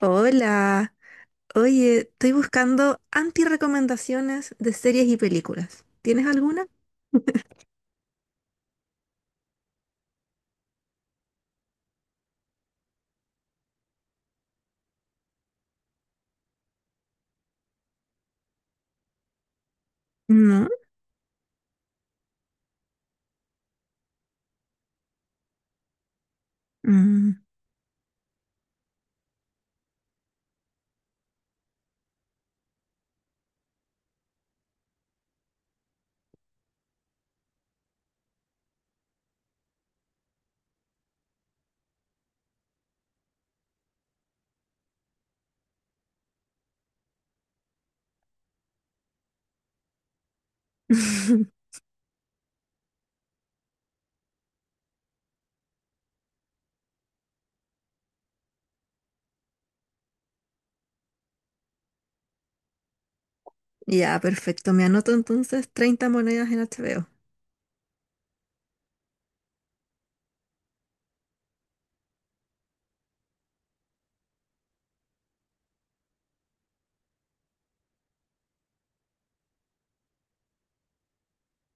Hola, oye, estoy buscando anti-recomendaciones de series y películas. ¿Tienes alguna? No. Mm. Ya, perfecto. Me anoto entonces treinta monedas en HBO.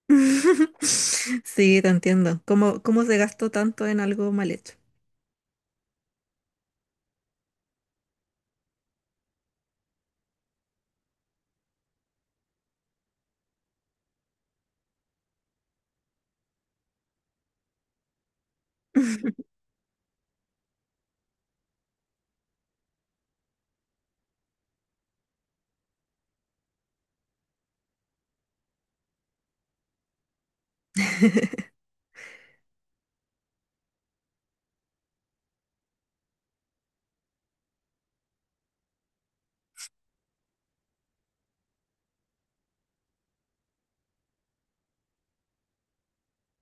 Sí, te entiendo. ¿Cómo se gastó tanto en algo mal hecho?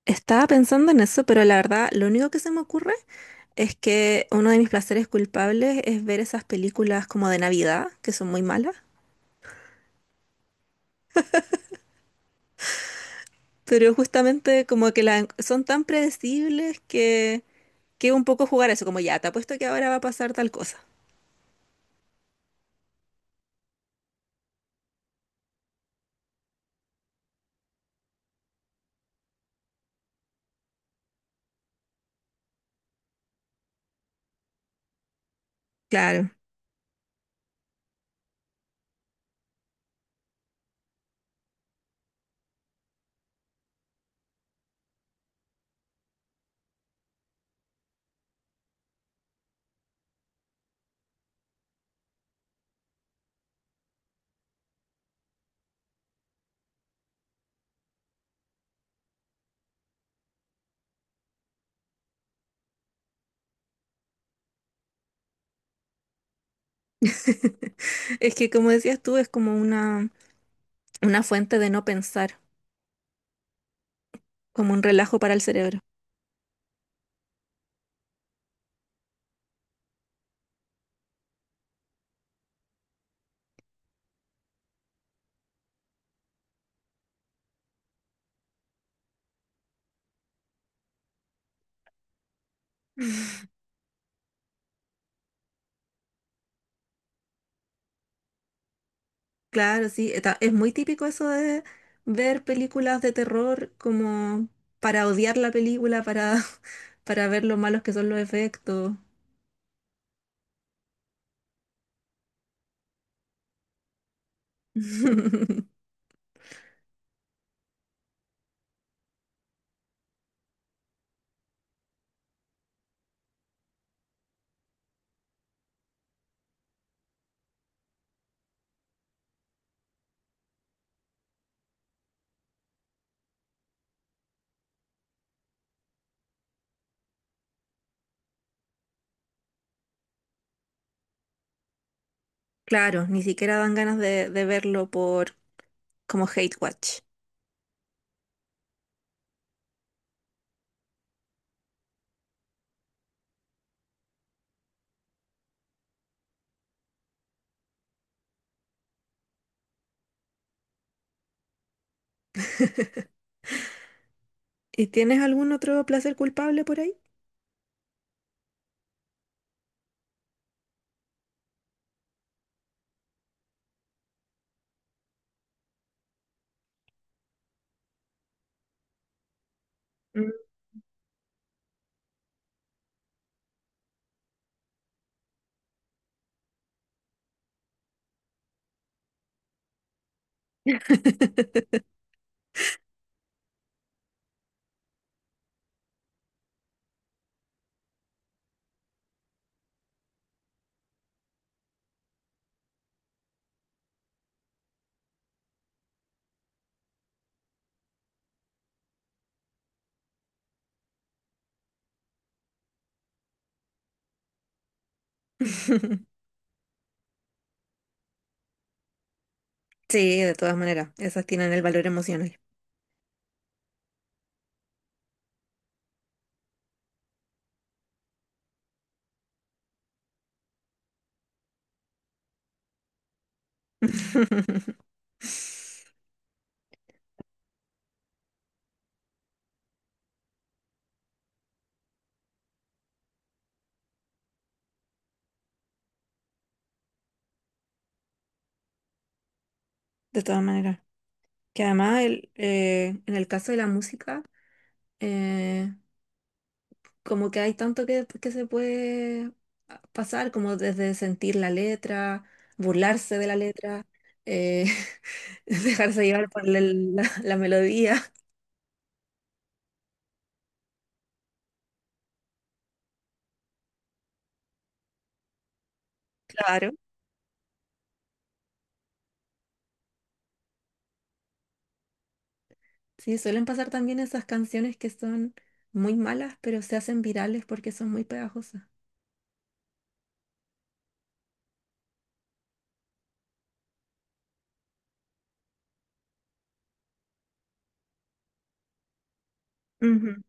Estaba pensando en eso, pero la verdad, lo único que se me ocurre es que uno de mis placeres culpables es ver esas películas como de Navidad, que son muy malas. Pero justamente como que son tan predecibles que un poco jugar a eso, como ya, te apuesto que ahora va a pasar tal cosa. Claro. Es que como decías tú, es como una fuente de no pensar, como un relajo para el cerebro. Claro, sí, es muy típico eso de ver películas de terror como para odiar la película, para, para ver lo malos que son los efectos. Claro, ni siquiera dan ganas de verlo por como hate watch. ¿Y tienes algún otro placer culpable por ahí? Mm. Sí, de todas maneras, esas tienen el valor emocional. De todas maneras. Que además en el caso de la música, eh, como que hay tanto que se puede pasar, como desde sentir la letra, burlarse de la letra, eh, dejarse llevar por la melodía, claro. Sí, suelen pasar también esas canciones que son muy malas, pero se hacen virales porque son muy pegajosas. Ujú.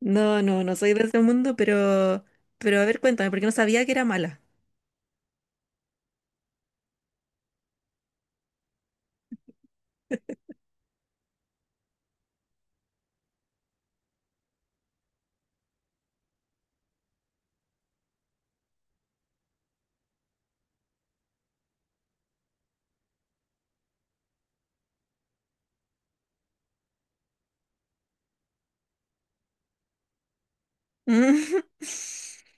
No soy de ese mundo, pero a ver, cuéntame, porque no sabía que era mala. Mm.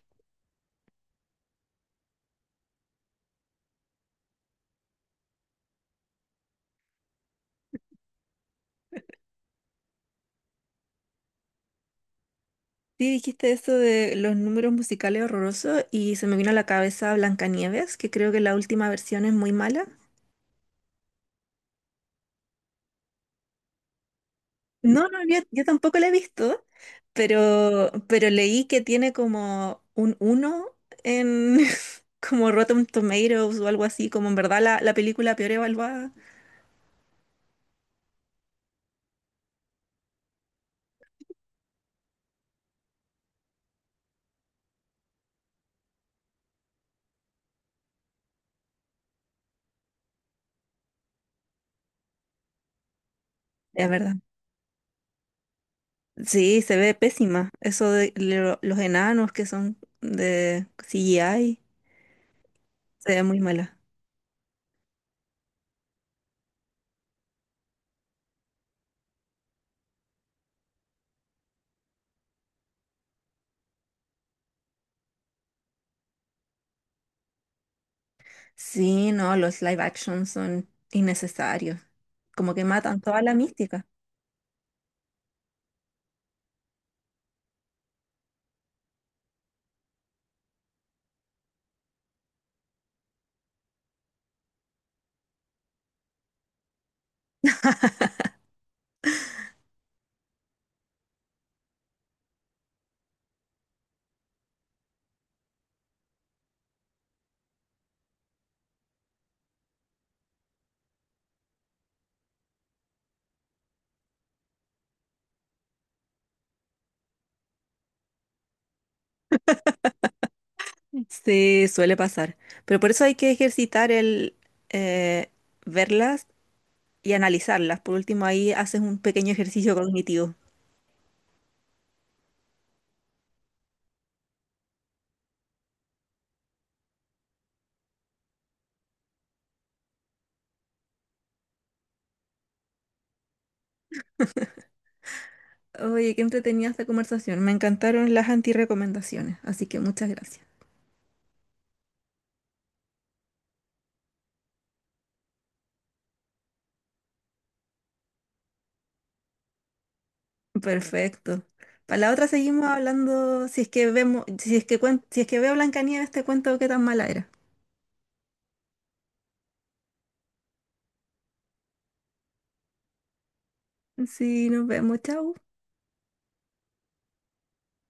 Sí, dijiste eso de los números musicales horrorosos y se me vino a la cabeza Blancanieves, que creo que la última versión es muy mala. No, yo tampoco la he visto, pero leí que tiene como un uno en como Rotten Tomatoes o algo así, como en verdad la película peor evaluada. Es verdad. Sí, se ve pésima. Eso de los enanos que son de CGI, se ve muy mala. Sí, no, los live action son innecesarios. Como que matan toda la mística. Sí, suele pasar. Pero por eso hay que ejercitar el eh, verlas y analizarlas. Por último, ahí haces un pequeño ejercicio cognitivo. Oye, qué entretenida esta conversación. Me encantaron las antirecomendaciones, así que muchas gracias. Perfecto. Para la otra seguimos hablando, si es que vemos, si es que veo Blancanieves, te cuento qué tan mala era. Sí, nos vemos. Chau.